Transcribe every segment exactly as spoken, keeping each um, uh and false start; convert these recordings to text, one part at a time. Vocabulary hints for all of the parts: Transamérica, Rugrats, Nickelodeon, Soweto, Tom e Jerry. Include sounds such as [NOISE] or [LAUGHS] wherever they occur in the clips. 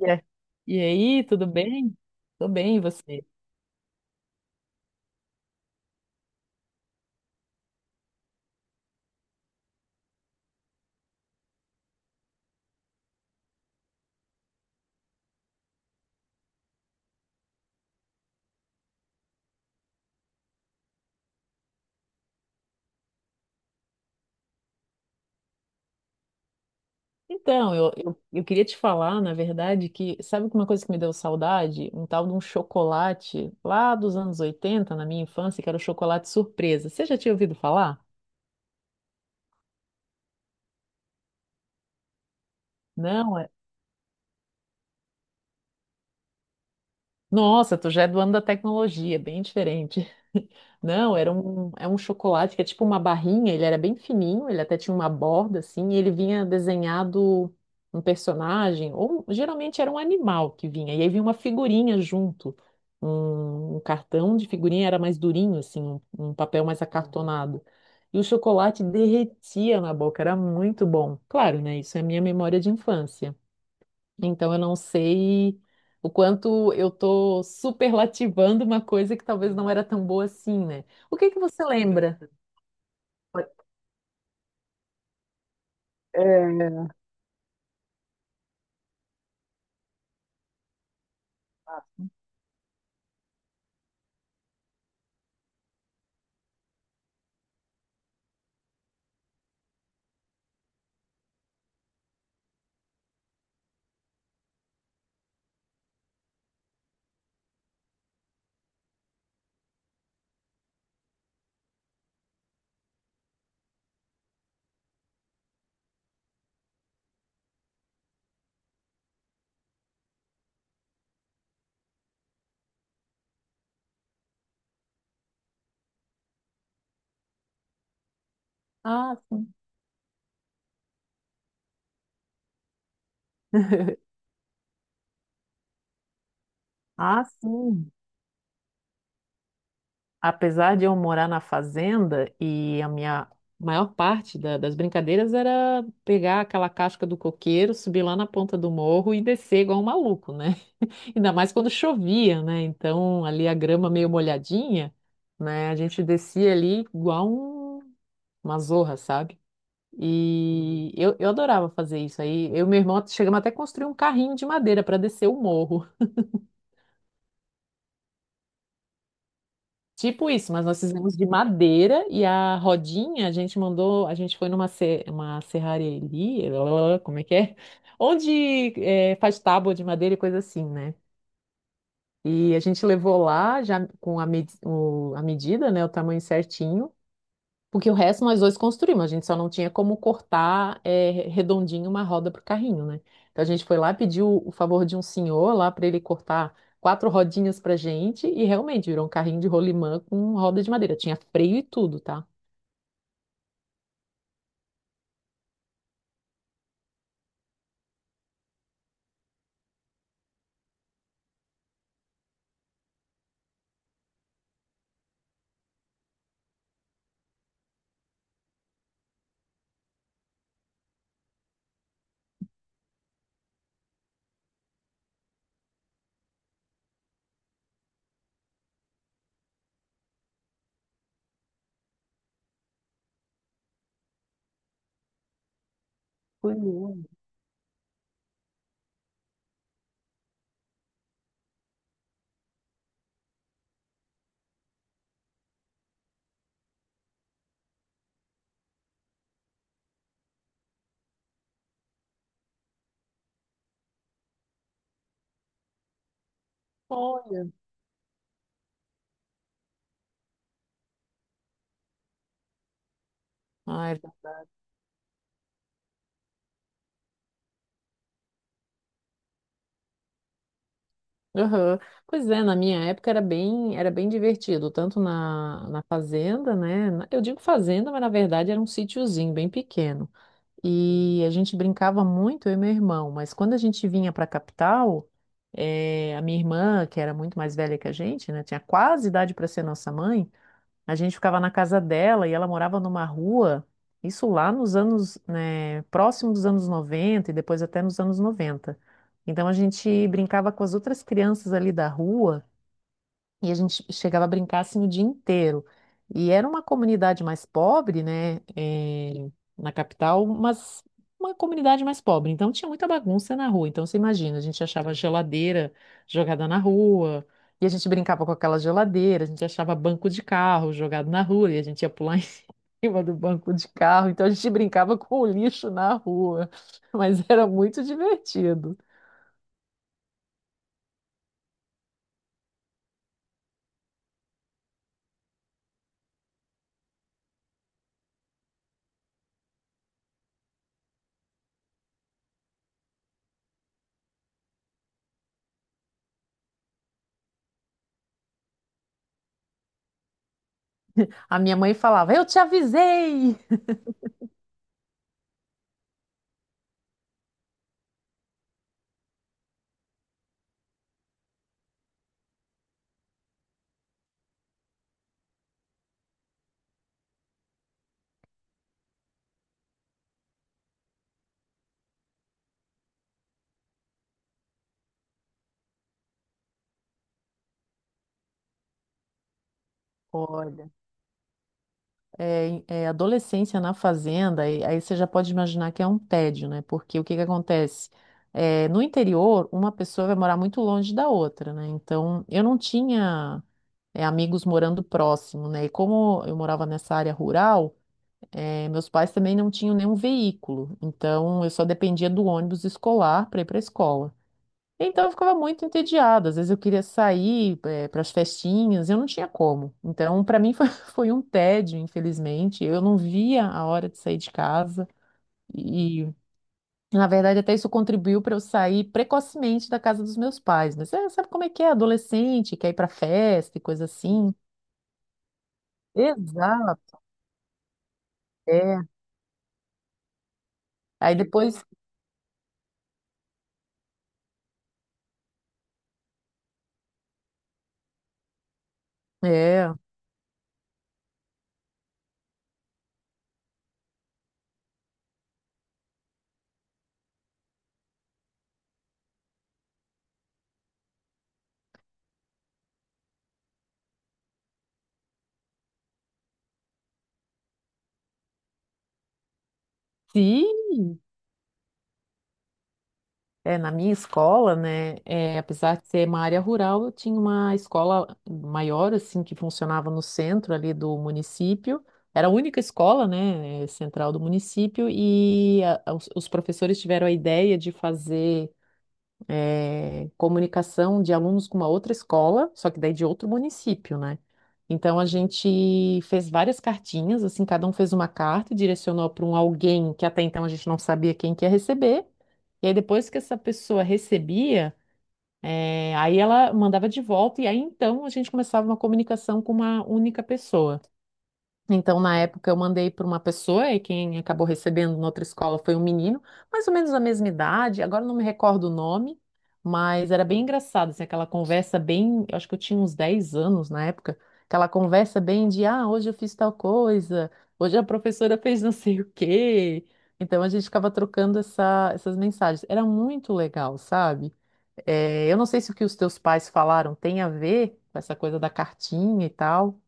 E a- e aí, tudo bem? Tô bem, e você? Então, eu, eu, eu queria te falar, na verdade, que sabe uma coisa que me deu saudade? Um tal de um chocolate lá dos anos oitenta na minha infância, que era o chocolate surpresa. Você já tinha ouvido falar? Não? É. Nossa, tu já é do ano da tecnologia, bem diferente. [LAUGHS] Não, era um, é um chocolate que é tipo uma barrinha, ele era bem fininho, ele até tinha uma borda assim, e ele vinha desenhado um personagem, ou geralmente era um animal que vinha, e aí vinha uma figurinha junto. Um, um cartão de figurinha era mais durinho, assim, um, um papel mais acartonado. E o chocolate derretia na boca, era muito bom. Claro, né? Isso é a minha memória de infância. Então eu não sei o quanto eu tô superlativando uma coisa que talvez não era tão boa assim, né? O que que você lembra? É. Ah, sim. Ah, sim. Apesar de eu morar na fazenda, e a minha maior parte da- das brincadeiras era pegar aquela casca do coqueiro, subir lá na ponta do morro e descer igual um maluco, né? [LAUGHS] Ainda mais quando chovia, né? Então ali a grama meio molhadinha, né? A gente descia ali igual um, uma zorra, sabe? E eu, eu adorava fazer isso. Aí eu e meu irmão chegamos até a construir um carrinho de madeira para descer o morro. [LAUGHS] Tipo isso, mas nós fizemos de madeira e a rodinha a gente mandou. A gente foi numa se- uma serraria ali, como é que é? Onde é, faz tábua de madeira e coisa assim, né? E a gente levou lá já com a, med- o- a medida, né? O tamanho certinho. Porque o resto nós dois construímos, a gente só não tinha como cortar eh, redondinho uma roda para o carrinho, né? Então a gente foi lá, pediu o favor de um senhor lá para ele cortar quatro rodinhas para gente e realmente virou um carrinho de rolimã com roda de madeira. Tinha freio e tudo, tá? Foi mesmo. Olha. Ai, tá. Aham. Pois é, na minha época era bem, era bem divertido, tanto na, na fazenda, né? Na- Eu digo fazenda, mas na verdade era um sítiozinho bem pequeno. E a gente brincava muito, eu e meu irmão, mas quando a gente vinha para a capital, eh, a minha irmã, que era muito mais velha que a gente, né, tinha quase idade para ser nossa mãe, a gente ficava na casa dela e ela morava numa rua, isso lá nos anos, né, próximo dos anos noventa e depois até nos anos noventa. Então a gente brincava com as outras crianças ali da rua e a gente chegava a brincar assim o dia inteiro. E era uma comunidade mais pobre, né? Eh, na capital, mas uma comunidade mais pobre. Então tinha muita bagunça na rua. Então você imagina, a gente achava geladeira jogada na rua, e a gente brincava com aquela geladeira, a gente achava banco de carro jogado na rua, e a gente ia pular [LAUGHS] em cima do banco de carro. Então a gente brincava com o lixo na rua. [LAUGHS] Mas era muito divertido. A minha mãe falava: "Eu te avisei!" Olha. É, é, adolescência na fazenda, e aí você já pode imaginar que é um tédio, né? Porque o que que acontece? É, no interior, uma pessoa vai morar muito longe da outra, né? Então, eu não tinha, é, amigos morando próximo, né? E como eu morava nessa área rural, é, meus pais também não tinham nenhum veículo, então eu só dependia do ônibus escolar para ir para a escola. Então eu ficava muito entediada. Às vezes eu queria sair, eh, para as festinhas, eu não tinha como. Então, para mim foi, [LAUGHS] foi um tédio, infelizmente. Eu não via a hora de sair de casa. E, na verdade, até isso contribuiu para eu sair precocemente da casa dos meus pais. Mas é, sabe como é que é? Adolescente, quer ir para festa e coisa assim. Exato, é. Aí depois, é. Sim, É, na minha escola, né, é, apesar de ser uma área rural, eu tinha uma escola maior, assim, que funcionava no centro ali do município. Era a única escola, né, eh, central do município, e a- a- os, os professores tiveram a ideia de fazer eh, comunicação de alunos com uma outra escola, só que daí de outro município, né? Então a gente fez várias cartinhas, assim, cada um fez uma carta e direcionou para um alguém que até então a gente não sabia quem que ia receber. E aí, depois que essa pessoa recebia, eh, aí ela mandava de volta, e aí então a gente começava uma comunicação com uma única pessoa. Então, na época, eu mandei para uma pessoa e quem acabou recebendo na outra escola foi um menino, mais ou menos da mesma idade, agora eu não me recordo o nome, mas era bem engraçado, assim, aquela conversa bem, eu acho que eu tinha uns dez anos na época, aquela conversa bem de, ah, hoje eu fiz tal coisa, hoje a professora fez não sei o quê. Então, a gente ficava trocando essa- essas mensagens. Era muito legal, sabe? Eh, eu não sei se o que os teus pais falaram tem a ver com essa coisa da cartinha e tal.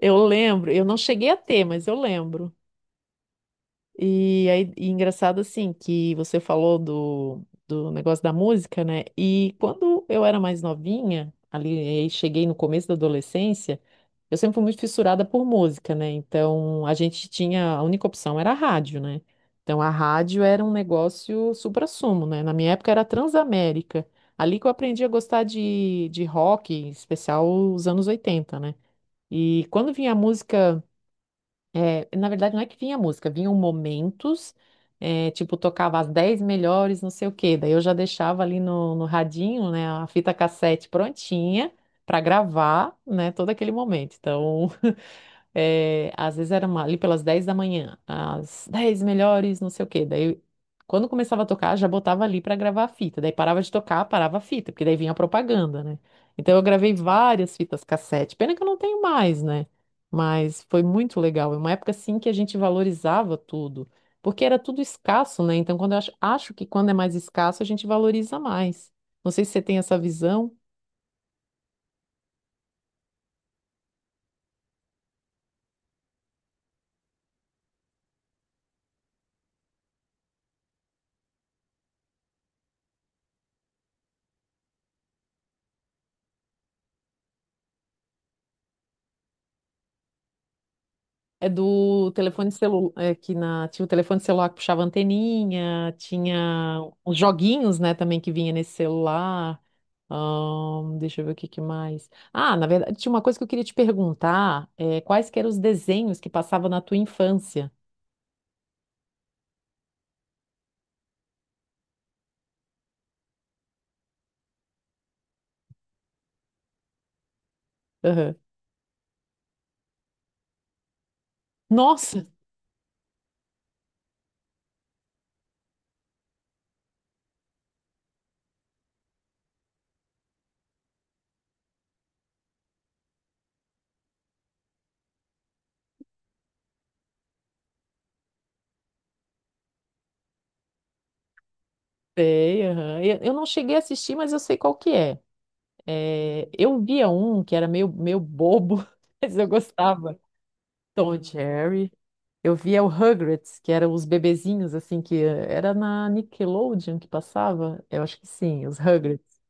Eu lembro, eu não cheguei a ter, mas eu lembro. E aí, e engraçado assim, que você falou do, do negócio da música, né? E quando eu era mais novinha, ali, aí cheguei no começo da adolescência, eu sempre fui muito fissurada por música, né? Então, a gente tinha, a única opção era a rádio, né? Então, a rádio era um negócio suprassumo, né? Na minha época era a Transamérica. Ali que eu aprendi a gostar de, de rock, em especial os anos oitenta, né? E quando vinha a música é, na verdade, não é que vinha música, vinham momentos, é, tipo, tocava as dez melhores, não sei o quê. Daí eu já deixava ali no, no radinho, né, a fita cassete prontinha para gravar, né, todo aquele momento. Então, é, às vezes era uma- ali pelas dez da manhã, as dez melhores, não sei o quê. Daí, quando começava a tocar, já botava ali pra gravar a fita. Daí parava de tocar, parava a fita, porque daí vinha a propaganda, né? Então eu gravei várias fitas cassete. Pena que eu não tenho mais, né? Mas foi muito legal. É uma época assim que a gente valorizava tudo, porque era tudo escasso, né? Então quando eu acho, acho que quando é mais escasso, a gente valoriza mais. Não sei se você tem essa visão. É do telefone celular, é, que na, tinha o telefone celular que puxava anteninha, tinha os joguinhos, né, também que vinha nesse celular. Ahn, deixa eu ver o que que mais. Ah, na verdade, tinha uma coisa que eu queria te perguntar, é, quais que eram os desenhos que passavam na tua infância? Aham. Nossa, sei, aham. Eu, eu não cheguei a assistir, mas eu sei qual que é. É, eu via um que era meio, meio bobo, [LAUGHS] mas eu gostava. Tom e Jerry. Eu via o Rugrats, que eram os bebezinhos, assim, que eh, era na Nickelodeon que passava? Eu acho que sim, os Rugrats.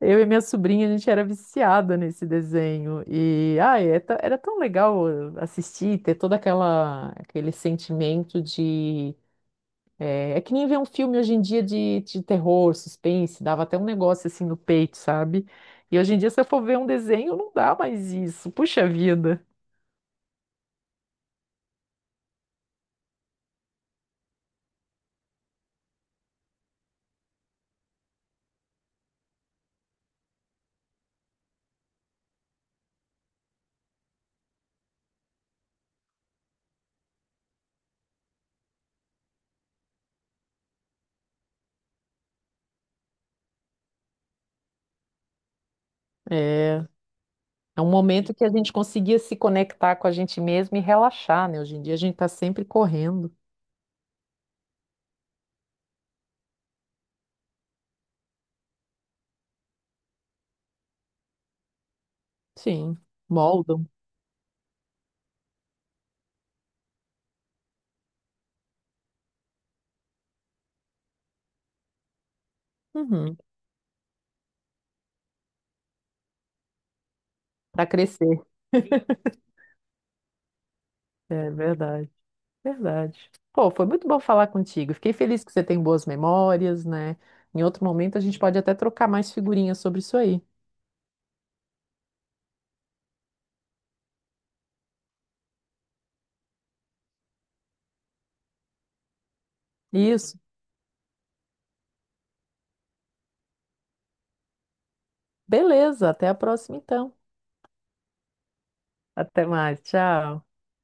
Eu e minha sobrinha, a gente era viciada nesse desenho. E, ai, é ta- era tão legal eh, assistir, ter todo aquela, aquele sentimento de... eh, É, que nem ver um filme hoje em dia de, de terror, suspense, dava até um negócio assim no peito, sabe? E hoje em dia, se eu for ver um desenho, não dá mais isso. Puxa vida. é É um momento que a gente conseguia se conectar com a gente mesmo e relaxar, né? Hoje em dia a gente está sempre correndo. Sim, moldam. Uhum. Para crescer. É verdade, verdade. Pô, foi muito bom falar contigo. Fiquei feliz que você tem boas memórias, né? Em outro momento a gente pode até trocar mais figurinhas sobre isso aí. Isso. Beleza, até a próxima então. Até mais, tchau.